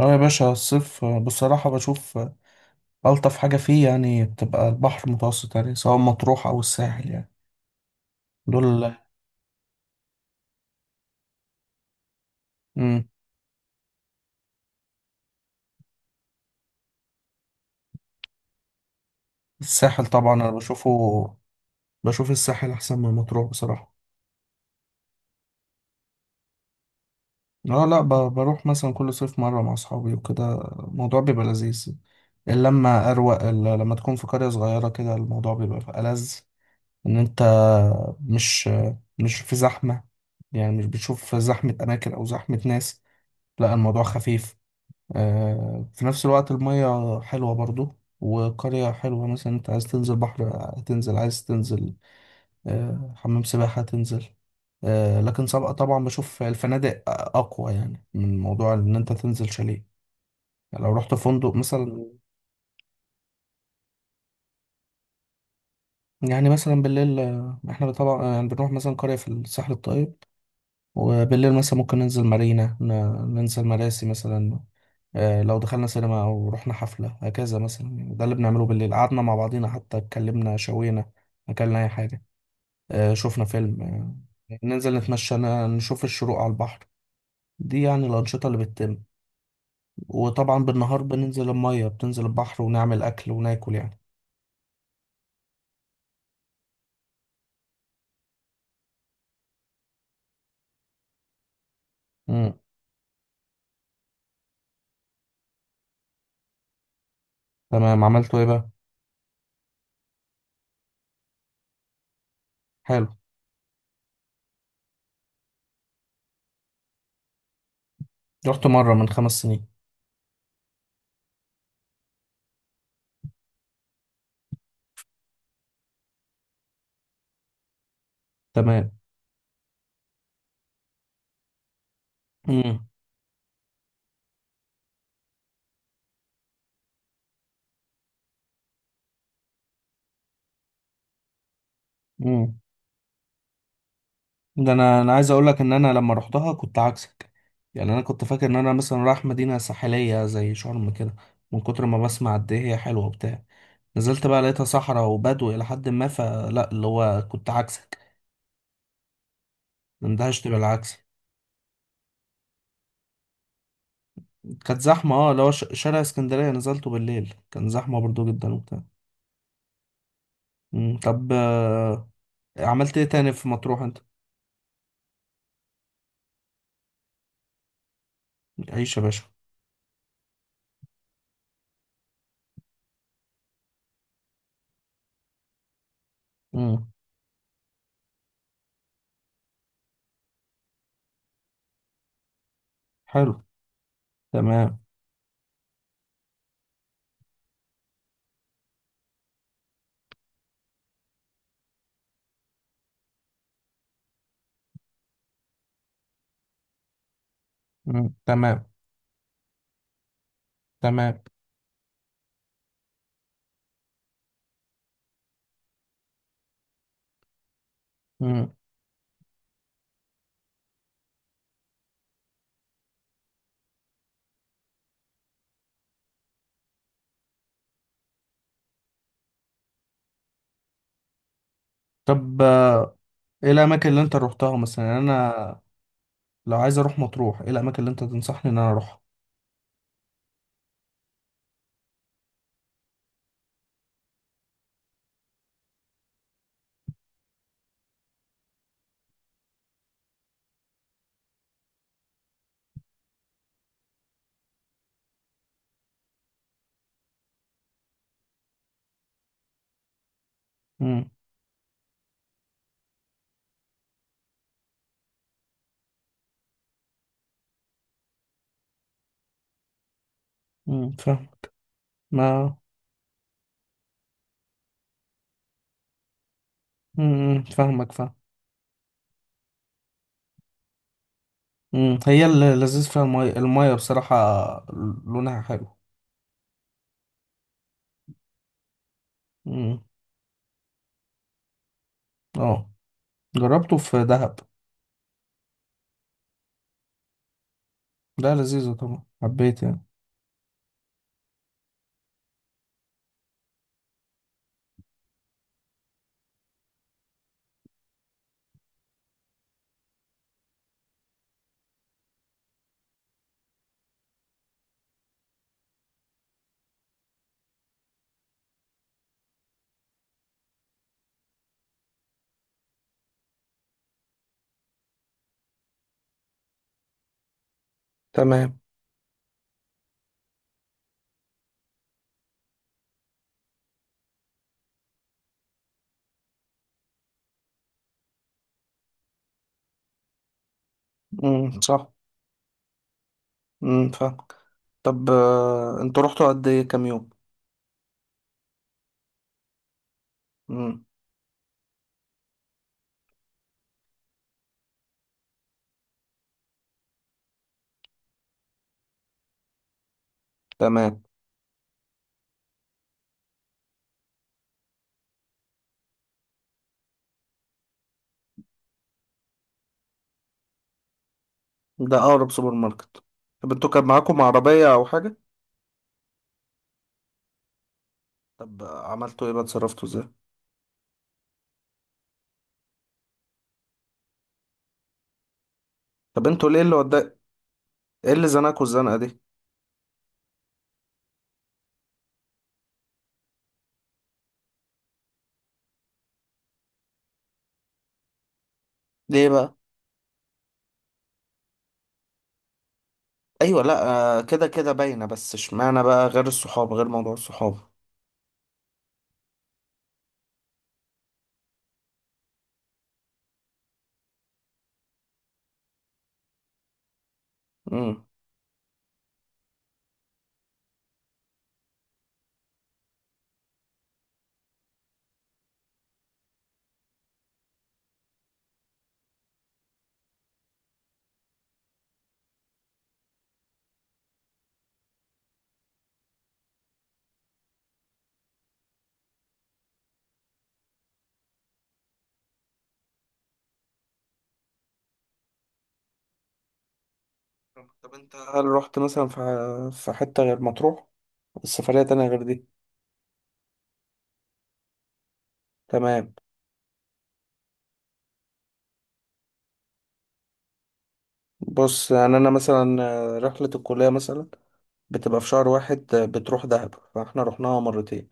اه يا باشا، الصيف بصراحة بشوف ألطف حاجة فيه، يعني بتبقى البحر المتوسط، يعني سواء مطروح أو الساحل، يعني دول. مم. الساحل طبعا أنا بشوف الساحل أحسن من مطروح بصراحة. اه، لا، بروح مثلا كل صيف مرة مع أصحابي وكده. الموضوع بيبقى لذيذ، اللمة أروق. لما تكون في قرية صغيرة كده الموضوع بيبقى ألذ، إن أنت مش مش في زحمة، يعني مش بتشوف زحمة أماكن أو زحمة ناس. لا، الموضوع خفيف. في نفس الوقت المية حلوة برضو، وقرية حلوة. مثلا انت عايز تنزل بحر، هتنزل. عايز تنزل حمام سباحة، هتنزل. لكن سبق طبعا بشوف الفنادق أقوى، يعني من موضوع إن أنت تنزل شاليه. يعني لو رحت فندق مثلا. يعني مثلا بالليل، احنا طبعا يعني بنروح مثلا قرية في الساحل الطيب. وبالليل مثلا ممكن ننزل مارينا، ننزل مراسي مثلا. لو دخلنا سينما أو رحنا حفلة هكذا مثلا، يعني ده اللي بنعمله بالليل. قعدنا مع بعضينا، حتى اتكلمنا شوينا، أكلنا أي حاجة، شفنا فيلم. ننزل نتمشى، نشوف الشروق على البحر. دي يعني الأنشطة اللي بتتم. وطبعا بالنهار بننزل المية، بتنزل البحر ونعمل أكل وناكل يعني. مم. تمام، عملتوا إيه بقى؟ حلو. رحت مرة من 5 سنين. تمام. مم. مم. ده انا عايز اقول لك ان انا لما رحتها كنت عكسك. يعني انا كنت فاكر ان انا مثلا رايح مدينه ساحليه زي شرم كده، من كتر ما بسمع قد ايه هي حلوه وبتاع. نزلت بقى لقيتها صحراء وبدو الى حد ما، فلا اللي هو كنت عكسك. مندهشت بالعكس. كانت زحمه، اه اللي هو شارع اسكندريه نزلته بالليل كان زحمه برضو جدا وبتاع. مم. طب، عملت ايه تاني في مطروح انت؟ عيش يا باشا. مم. حلو. تمام. مم. تمام. تمام. مم. طب، ايه الاماكن اللي انت روحتها مثلا؟ يعني انا لو عايز اروح مطروح ايه الاماكن اللي انت تنصحني ان انا اروحها؟ امم. امم، فاهم. ما امم، فاهمك، فاهم. امم، هي اللي لذيذ فيها المية المية بصراحة. لونها حلو. امم. اه، جربته في دهب. ده لذيذة طبعا، حبيت يعني. تمام. امم. صح. امم، فاهمك. طب، انتوا رحتوا قد ايه؟ كام يوم؟ امم. تمام. ده اقرب سوبر ماركت؟ طب انتوا كان معاكم عربية او حاجة؟ طب عملتوا ايه بقى؟ اتصرفتوا ازاي؟ طب انتوا ليه اللي وداك؟ ايه اللي زنقكوا الزنقه دي؟ ليه بقى؟ ايوه، لا. كده كده باينه، بس اشمعنى بقى غير الصحاب، غير موضوع الصحاب. امم. طب انت، هل رحت مثلا في حته غير مطروح؟ السفريه تانية غير دي؟ تمام. بص يعني انا مثلا رحله الكليه مثلا بتبقى في شهر واحد. بتروح دهب، فاحنا رحناها مرتين.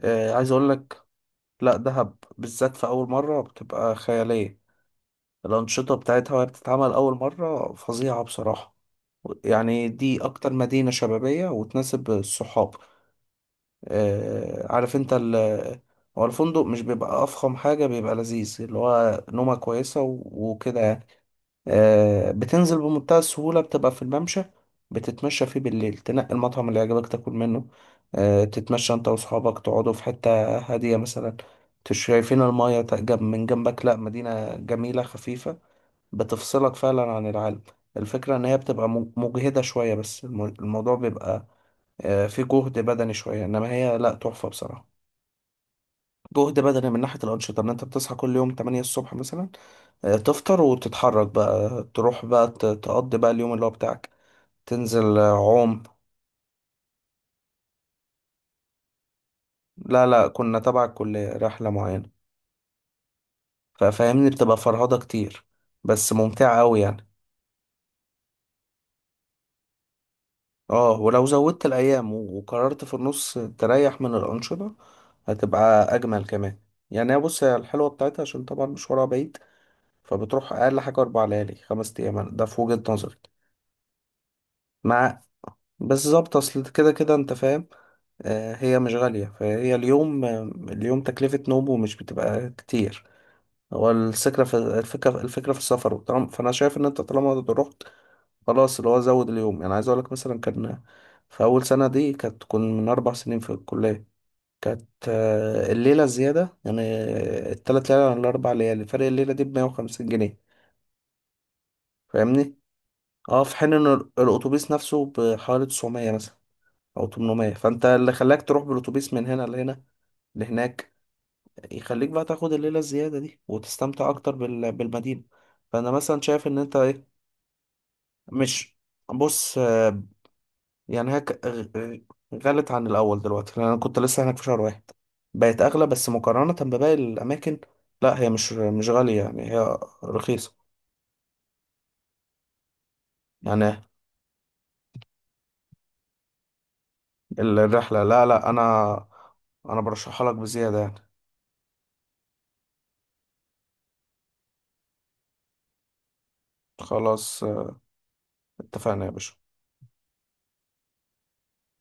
عايز اقول لك، لا دهب بالذات في اول مره بتبقى خياليه. الأنشطة بتاعتها وهي بتتعمل أول مرة فظيعة بصراحة. يعني دي أكتر مدينة شبابية وتناسب الصحاب. عارف أنت، هو الفندق مش بيبقى أفخم حاجة، بيبقى لذيذ، اللي هو نومة كويسة وكده يعني. بتنزل بمنتهى السهولة، بتبقى في الممشى. بتتمشى فيه بالليل تنقي المطعم اللي يعجبك تاكل منه. تتمشى انت واصحابك، تقعدوا في حتة هادية مثلا. شايفين المايه، جنب من جنبك. لا، مدينة جميلة خفيفة، بتفصلك فعلا عن العالم. الفكرة ان هي بتبقى مجهدة شوية، بس الموضوع بيبقى فيه جهد بدني شوية، انما هي لا، تحفة بصراحة. جهد بدني من ناحية الأنشطة إن أنت بتصحى كل يوم 8 الصبح مثلا. تفطر وتتحرك بقى، تروح بقى تقضي بقى اليوم اللي هو بتاعك. تنزل عوم. لا لا، كنا تبع الكلية رحلة معينة. ففاهمني، بتبقى فرهضة كتير، بس ممتعة أوي يعني. اه، ولو زودت الأيام وقررت في النص تريح من الأنشطة هتبقى أجمل كمان. يعني هي، بص هي الحلوة بتاعتها عشان طبعا مشوارها بعيد، فبتروح أقل حاجة 4 ليالي 5 أيام ده في وجهة نظري. مع، بالظبط، اصل كده كده انت فاهم. هي مش غالية، فهي اليوم. اليوم تكلفة نومه مش بتبقى كتير. هو الفكرة في السفر. فأنا شايف إن أنت طالما رحت خلاص، اللي هو زود اليوم. يعني عايز أقولك، مثلا كان في أول سنة دي، كنا من 4 سنين في الكلية. كانت الليلة الزيادة، يعني الـ3 ليالي عن الـ4 ليالي، فرق الليلة دي بـ150 جنيه. فاهمني؟ اه، في حين إن الأتوبيس نفسه بحوالي 900 مثلا او 800. فانت اللي خلاك تروح بالاتوبيس من هنا لهنا لهناك يخليك بقى تاخد الليله الزياده دي وتستمتع اكتر بالمدينه. فانا مثلا شايف ان انت ايه؟ مش، بص، يعني هيك غلت عن الاول دلوقتي، لان انا كنت لسه هناك في شهر واحد. بقت اغلى، بس مقارنه بباقي الاماكن لا هي مش غاليه، يعني هي رخيصه. يعني الرحله، لا لا، انا برشحها لك بزياده يعني. خلاص اتفقنا يا باشا.